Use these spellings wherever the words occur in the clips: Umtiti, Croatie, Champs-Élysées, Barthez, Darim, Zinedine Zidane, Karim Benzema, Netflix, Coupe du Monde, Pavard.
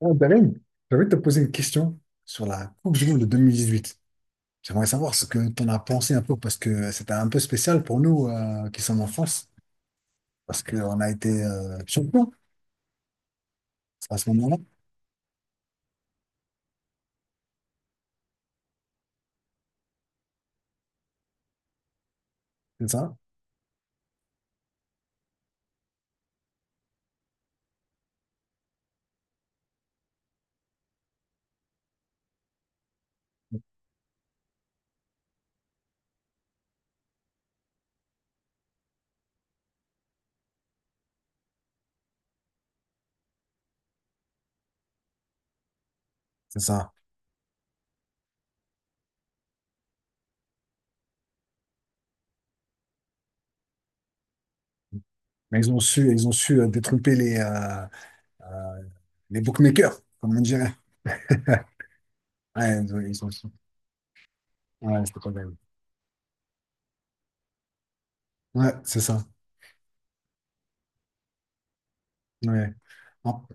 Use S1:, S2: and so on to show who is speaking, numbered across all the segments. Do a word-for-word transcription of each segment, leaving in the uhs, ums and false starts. S1: Ah, Darim, j'avais te poser une question sur la Coupe du Monde de deux mille dix-huit. J'aimerais savoir ce que tu en as pensé un peu, parce que c'était un peu spécial pour nous euh, qui sommes en France, parce qu'on a été euh, champions à ce moment-là, c'est ça? C'est ça. Mais ils ont su, ils ont su euh, détromper les, euh, euh, les bookmakers, comme on dirait. Ouais, ils ont, ils ont su. Ouais, c'était pas dingue. Ouais, c'est ça. Ouais. En,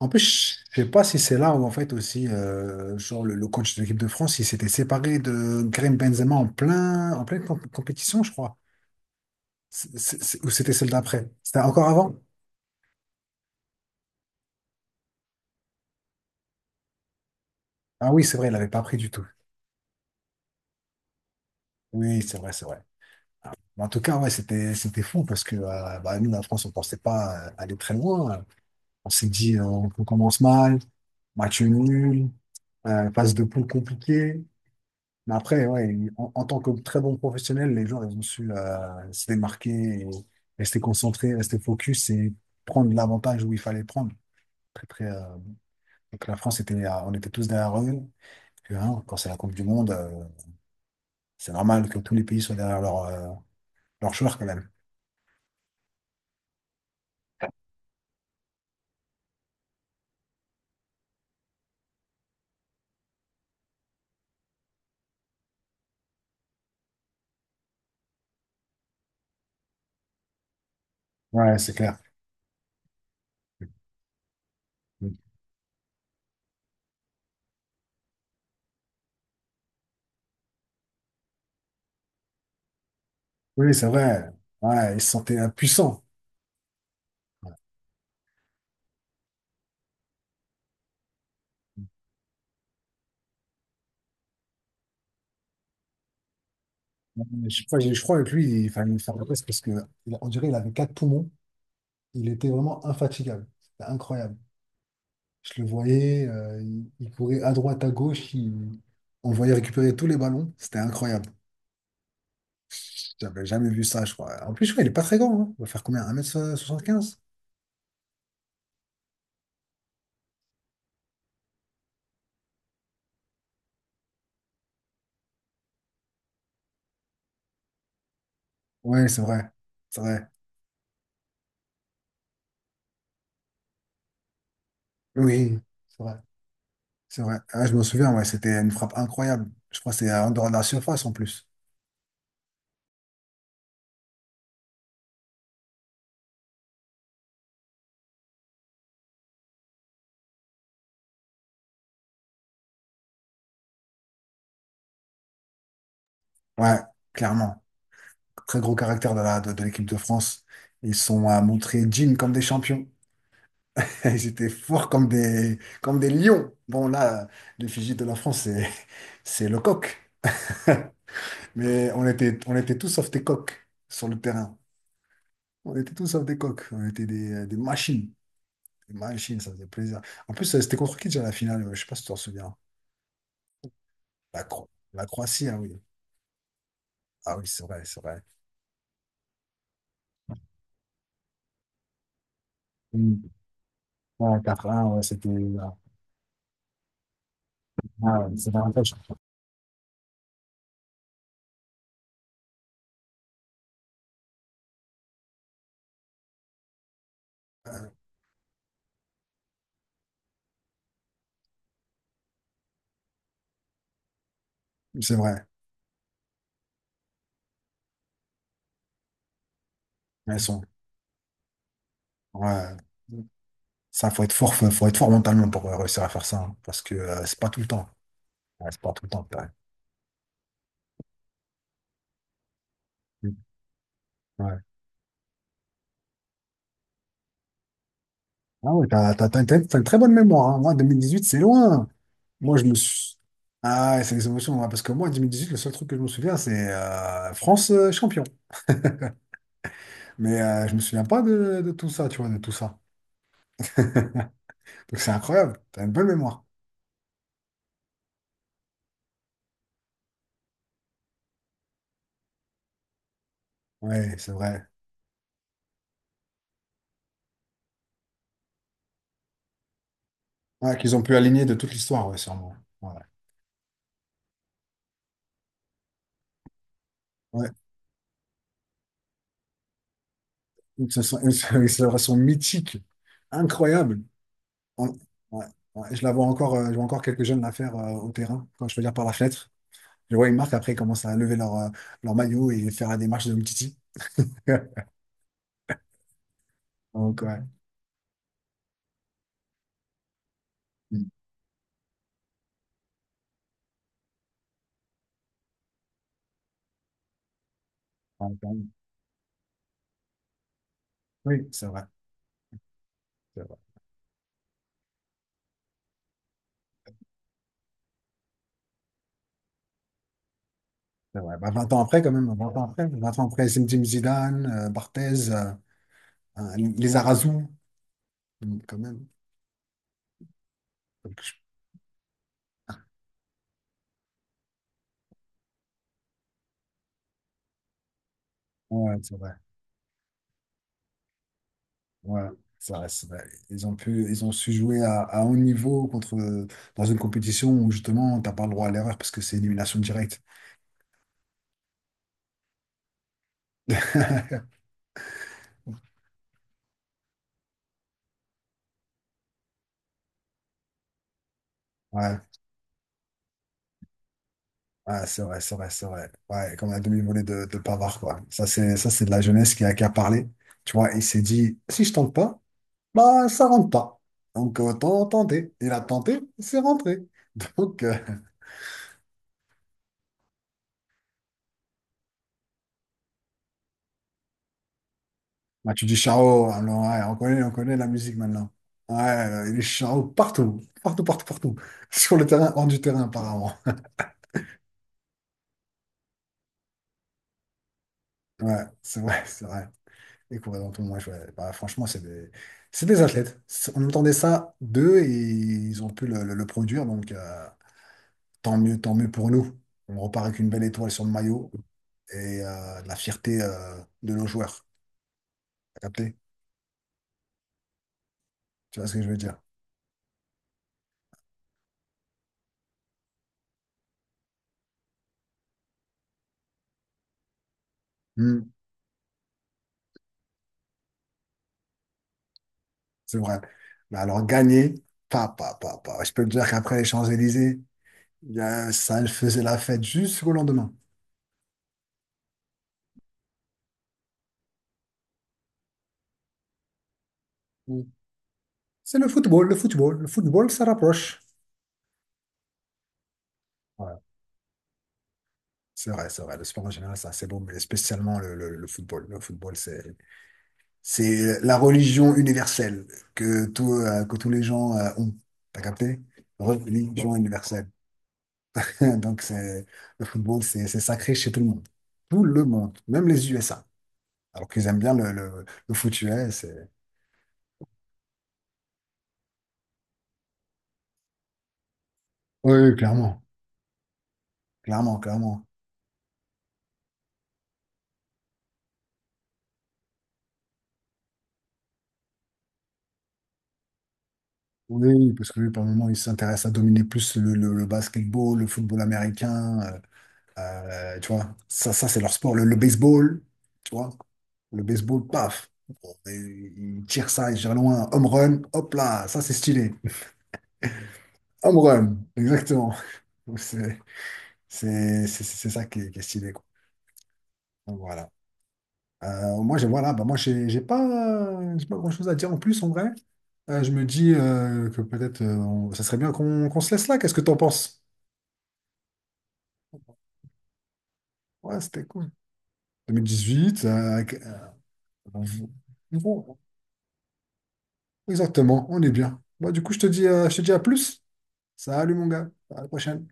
S1: en plus, je sais pas si c'est là où, en fait, aussi, euh, genre, le, le coach de l'équipe de France, il s'était séparé de Karim Benzema en plein, en pleine comp- compétition, je crois. C'est- c'est- c'est- Ou c'était celle d'après? C'était encore avant? Ah oui, c'est vrai, il l'avait pas pris du tout. Oui, c'est vrai, c'est vrai. Mais en tout cas, ouais, c'était, c'était fou parce que euh, bah, nous, la France, on pensait pas euh, aller très loin. On s'est dit, euh, on commence mal, match nul, euh, phase de poule compliquée. Mais après, ouais, en, en tant que très bon professionnel, les gens, ils ont su euh, se démarquer, et rester concentrés, rester focus et prendre l'avantage où il fallait prendre. Très, très, euh, donc la France était, euh, on était tous derrière eux. Parce que, hein, quand c'est la Coupe du Monde, euh, c'est normal que tous les pays soient derrière leur, euh, leurs joueurs quand même. Ouais, c'est clair. Oui, c'est vrai. Ouais, il se sentait impuissant. Je, crois- je crois que lui, il fallait lui faire la presse parce que il- on dirait qu'il avait quatre poumons. Il était vraiment infatigable. C'était incroyable. Je le voyais, euh, il, il courait à droite, à gauche, il- on le voyait récupérer tous les ballons. C'était incroyable. J'avais jamais vu ça, je crois. En plus, je crois, il est pas très grand, hein. Il va faire combien? Un mètre soixante quinze. Ouais, c'est vrai. C'est vrai. Oui, c'est vrai. C'est vrai. Ah, je me souviens, ouais, c'était une frappe incroyable. Je crois que c'est en dehors de la surface en plus. Ouais, clairement. Très gros caractère de la, de, de l'équipe de France. Ils sont à montrer Jim comme des champions. J'étais fort comme des, comme des lions. Bon, là, les Fidji de la France, c'est, c'est le coq. Mais on était, on était tous sauf des coqs sur le terrain. On était tous sauf des coqs. On était des, des machines. Des machines, ça faisait plaisir. En plus, euh, c'était contre qui déjà la finale? Je sais pas si tu t'en souviens. La, Cro- la Croatie, ah oui. Ah oui, c'est vrai, c'est vrai. Mm. Ouais, quatre un, ouais, c'était. Ah, ouais, c'est davantage. Euh, C'est vrai. Elles sont. Ouais. Ça, faut être fort, faut, faut être fort mentalement pour euh, réussir à faire ça, hein, parce que euh, c'est pas tout le temps. Ouais, c'est pas tout le temps. t'as- Mm. Ouais. Ah ouais, t'as, t'as, t'as une, t'as une très bonne mémoire, hein. Moi, deux mille dix-huit, c'est loin. Moi, je me suis. Ah, ouais, c'est les émotions, ouais, parce que moi, deux mille dix-huit, le seul truc que je me souviens, c'est euh, France euh, champion. Mais euh, je me souviens pas de, de tout ça, tu vois, de tout ça. Donc c'est incroyable. T'as une bonne mémoire. Ouais, c'est vrai. Ouais, qu'ils ont pu aligner de toute l'histoire, ouais, sûrement. Ouais. Ouais. Ils se sont, ils se ils se sont mythiques. Incroyable. Ouais, ouais, ouais. Je la vois encore, euh, je vois encore quelques jeunes la faire euh, au terrain, quand je veux dire par la fenêtre. Je vois une marque, après, ils commencent à lever leur, euh, leur maillot et faire la démarche de Umtiti. Donc, ouais. Mm. Ouais, quand même. Oui, c'est vrai. C'est vrai. C'est vrai. Bah, vingt ans après, quand même, vingt ans après, vingt ans après, c'est Zinedine Zidane, euh, Barthez, euh, euh, les Arazou, Mm, quand même. Donc, je- Ouais, c'est vrai. Ouais, c'est vrai, c'est vrai. Ils ont pu, ils ont su jouer à, à haut niveau contre, euh, dans une compétition où justement, t'as pas le droit à l'erreur parce que c'est élimination directe. Ouais, ouais, c'est vrai, c'est vrai, c'est vrai. Ouais, comme la demi-volée de, de Pavard, quoi. Ça, c'est, ça, c'est de la jeunesse qui a, qui a parlé. Tu vois, il s'est dit, si je tente pas, bah, ça rentre pas. Donc, autant tenter. Il a tenté, c'est rentré. Donc, euh, bah, tu dis Charo, alors, ouais, on connaît, on connaît la musique maintenant. Ouais, euh, il est Charo partout, partout, partout, partout. Sur le terrain, hors du terrain, apparemment. Ouais, c'est vrai, c'est vrai. Et courir dans tout le monde, ouais. Bah, franchement, c'est des, c'est des athlètes. C'est- On entendait ça d'eux et ils ont pu le, le- le produire. Donc, euh, tant mieux, tant mieux pour nous. On repart avec une belle étoile sur le maillot et euh, la fierté euh, de nos joueurs. T'as capté? Tu vois ce que je veux dire? Hmm, c'est vrai. Mais alors, gagner, pas, pas, pas, pas. Je peux te dire qu'après les Champs-Élysées, il y a- ça faisait la fête jusqu'au lendemain. Hmm. C'est le football, le football. Le football, ça rapproche. Ouais. C'est vrai, c'est vrai. Le sport en général, c'est assez beau, mais spécialement le, le- le football. Le football, c'est, c'est la religion universelle que, tout, euh, que tous les gens euh, ont. T'as capté? Religion universelle. Donc, c'est, le football, c'est c'est sacré chez tout le monde. Tout le monde, même les U S A. Alors qu'ils aiment bien le, le, le foot U S. et- Oui, oui, clairement. Clairement, clairement. Oui, oui, parce que lui, par moment, il s'intéresse à dominer plus le, le, le basketball, le football américain, euh, euh, tu vois, ça, ça c'est leur sport. Le, le baseball, tu vois, le baseball, paf. Bon, et Il tire ça, il tire loin. Home run, hop là, ça c'est stylé. Home run, exactement. Donc, C'est c'est- c'est- c'est ça qui est, qui est stylé, quoi. Donc, voilà. Euh, moi, j'ai voilà, bah, moi, j'ai j'ai pas, euh, j'ai pas grand-chose à dire en plus, en vrai. Euh, je me dis euh, que peut-être euh, on- ça serait bien qu'on qu'on se laisse là. Qu'est-ce que t'en penses? Ouais, c'était cool. deux mille dix-huit, euh, avec- euh, bon, bon, exactement, on est bien. Bon, du coup, je te dis, euh, je te dis à plus. Salut mon gars, à la prochaine.